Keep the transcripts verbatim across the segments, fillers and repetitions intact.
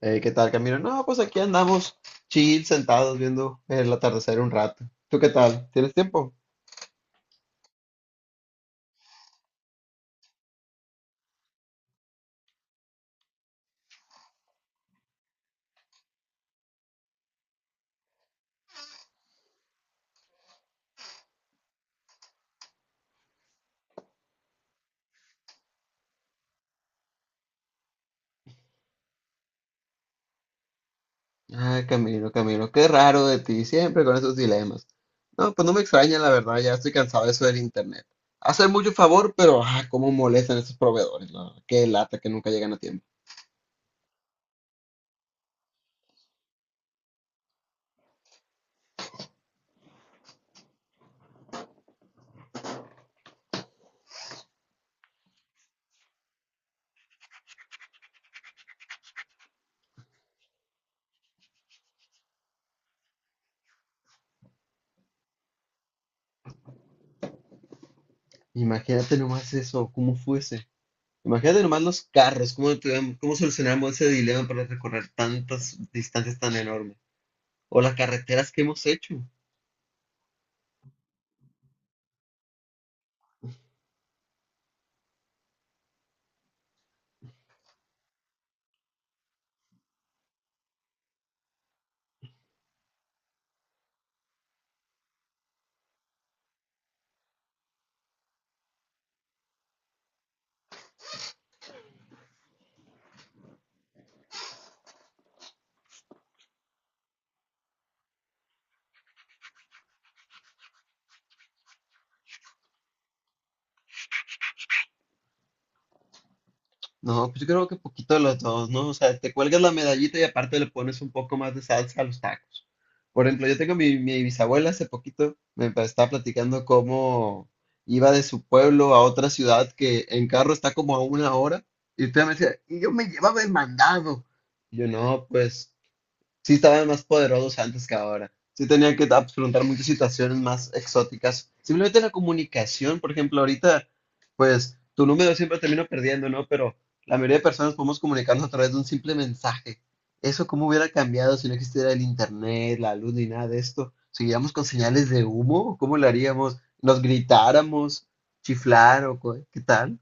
Eh, ¿qué tal, Camilo? No, pues aquí andamos chill, sentados viendo el atardecer un rato. ¿Tú qué tal? ¿Tienes tiempo? Ay, Camilo, Camilo, qué raro de ti, siempre con esos dilemas. No, pues no me extraña, la verdad, ya estoy cansado de eso del internet. Hacen mucho favor, pero ah, cómo molestan esos proveedores, la verdad. Qué lata que nunca llegan a tiempo. Imagínate nomás eso, cómo fuese. Imagínate nomás los carros, cómo, tuvieron- cómo solucionamos ese dilema para recorrer tantas distancias tan enormes. O las carreteras que hemos hecho. No, pues yo creo que poquito de los dos, ¿no? O sea, te cuelgas la medallita y aparte le pones un poco más de salsa a los tacos. Por ejemplo, yo tengo mi, mi bisabuela hace poquito, me pa- estaba platicando cómo iba de su pueblo a otra ciudad que en carro está como a una hora. Y usted me decía, y yo me llevaba el mandado. Y yo, no, pues sí estaban más poderosos antes que ahora. Sí tenían que afrontar muchas situaciones más exóticas. Simplemente la comunicación, por ejemplo, ahorita, pues tu número siempre termino perdiendo, ¿no? Pero la mayoría de personas podemos comunicarnos a través de un simple mensaje. Eso cómo hubiera cambiado si no existiera el internet, la luz ni nada de esto. ¿Seguiríamos con señales de humo? ¿Cómo lo haríamos? ¿Nos gritáramos? ¿Chiflar o co- qué tal?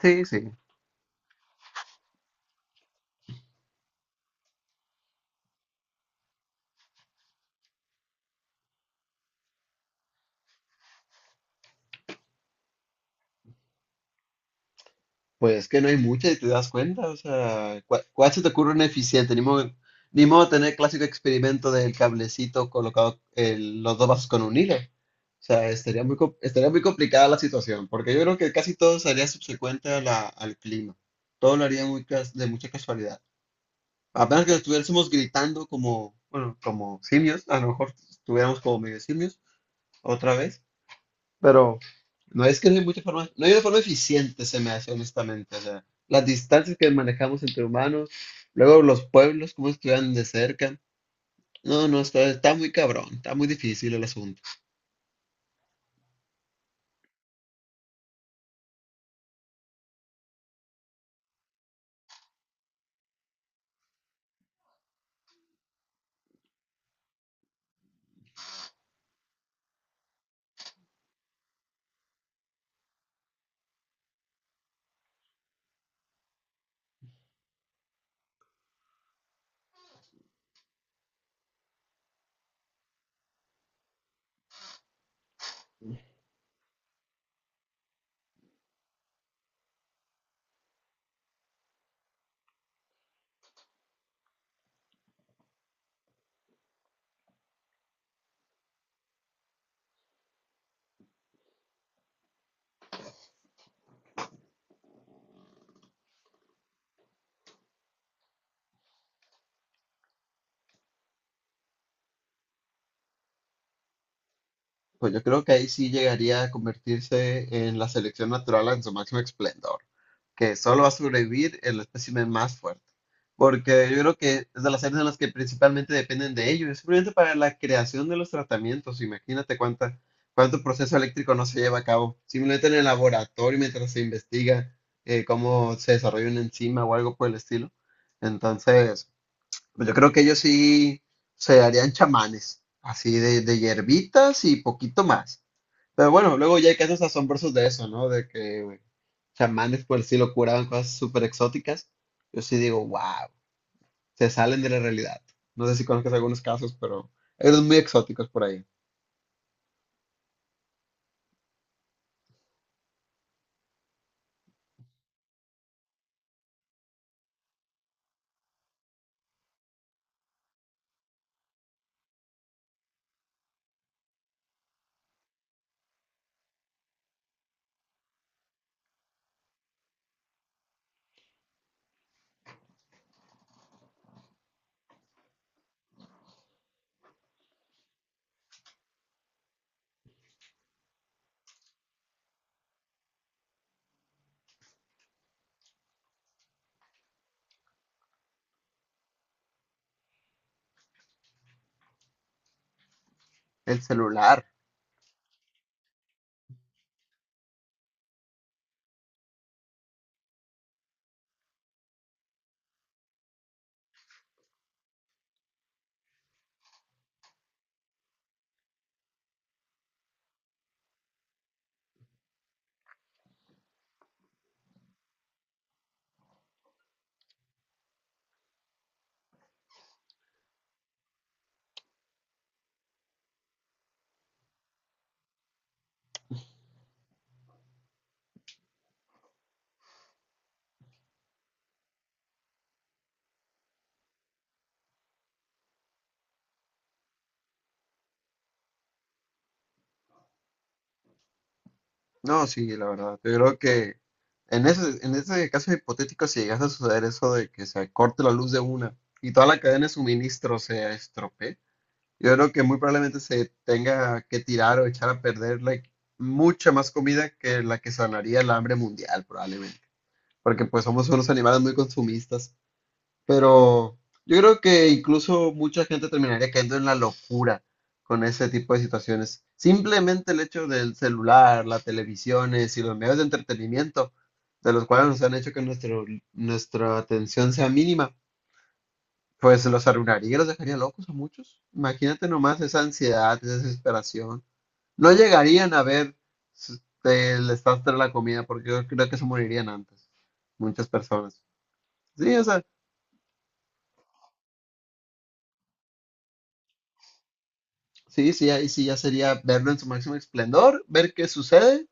Sí, sí. Pues es que no hay mucha y te das cuenta, o sea, ¿cuál, cuál se te ocurre una eficiente? Ni modo, ni modo tener el clásico experimento del cablecito colocado el- los dos vasos con un hilo. O sea, estaría muy, co- estaría muy complicada la situación, porque yo creo que casi todo sería subsecuente a la- al clima. Todo lo haría muy cas- de mucha casualidad. Apenas que estuviésemos gritando como, bueno, como simios, a lo mejor estuviéramos como medio simios otra vez. Pero no es que no hay mucha forma, no hay una forma eficiente, se me hace honestamente. O sea, las distancias que manejamos entre humanos, luego los pueblos, cómo estuvieran de cerca. No, no, está, está muy cabrón, está muy difícil el asunto. Pues yo creo que ahí sí llegaría a convertirse en la selección natural en su máximo esplendor, que solo va a sobrevivir el espécimen más fuerte. Porque yo creo que es de las áreas en las que principalmente dependen de ello, es simplemente para la creación de los tratamientos. Imagínate cuánta, cuánto proceso eléctrico no se lleva a cabo, simplemente en el laboratorio mientras se investiga eh, cómo se desarrolla una enzima o algo por el estilo. Entonces, pues yo creo que ellos sí se harían chamanes, así de, de hierbitas y poquito más. Pero bueno, luego ya hay casos asombrosos de eso, ¿no? De que chamanes por el estilo curaban cosas súper exóticas. Yo sí digo, wow, se salen de la realidad. No sé si conozcas algunos casos, pero hay unos muy exóticos por ahí. El celular. No, sí, la verdad. Yo creo que en ese, en ese caso hipotético, si llegase a suceder eso de que se corte la luz de una y toda la cadena de suministro se estropee, yo creo que muy probablemente se tenga que tirar o echar a perder like, mucha más comida que la que sanaría el hambre mundial, probablemente. Porque pues somos unos animales muy consumistas. Pero yo creo que incluso mucha gente terminaría cayendo en la locura con ese tipo de situaciones. Simplemente el hecho del celular, las televisiones y los medios de entretenimiento, de los cuales nos han hecho que nuestro, nuestra atención sea mínima, pues los arruinaría, los dejaría locos a muchos. Imagínate nomás esa ansiedad, esa desesperación. No llegarían a ver s- el desastre de la comida porque yo creo que se morirían antes, muchas personas. Sí, o sea, sí, sí, ahí sí ya sería verlo en su máximo esplendor, ver qué sucede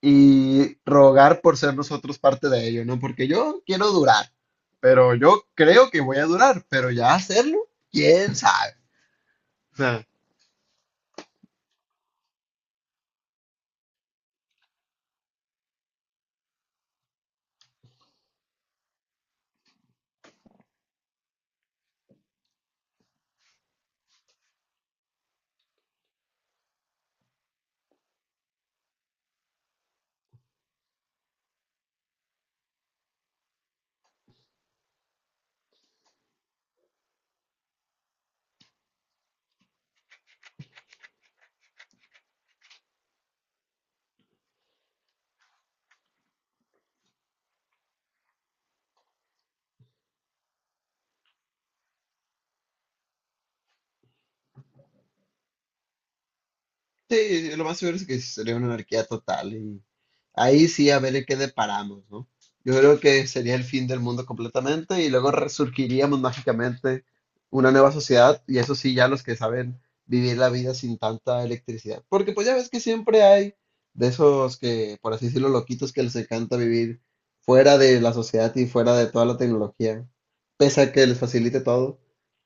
y rogar por ser nosotros parte de ello, ¿no? Porque yo quiero durar, pero yo creo que voy a durar, pero ya hacerlo, quién sabe. Sí, lo más seguro es que sería una anarquía total y ahí sí a ver en qué deparamos, ¿no? Yo creo que sería el fin del mundo completamente y luego resurgiríamos mágicamente una nueva sociedad y eso sí ya los que saben vivir la vida sin tanta electricidad. Porque pues ya ves que siempre hay de esos que, por así decirlo, loquitos que les encanta vivir fuera de la sociedad y fuera de toda la tecnología, pese a que les facilite todo,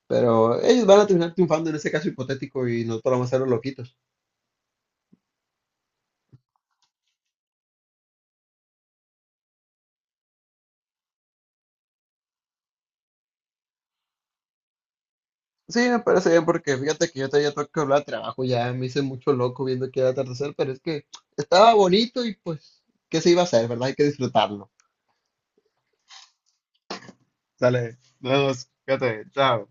pero ellos van a terminar triunfando en ese caso hipotético y nosotros vamos a ser los loquitos. Sí, me parece bien porque fíjate que yo todavía tengo que hablar de trabajo, ya me hice mucho loco viendo que era atardecer, pero es que estaba bonito y pues, ¿qué se iba a hacer, verdad? Hay que disfrutarlo. Dale, nos vemos, fíjate, chao.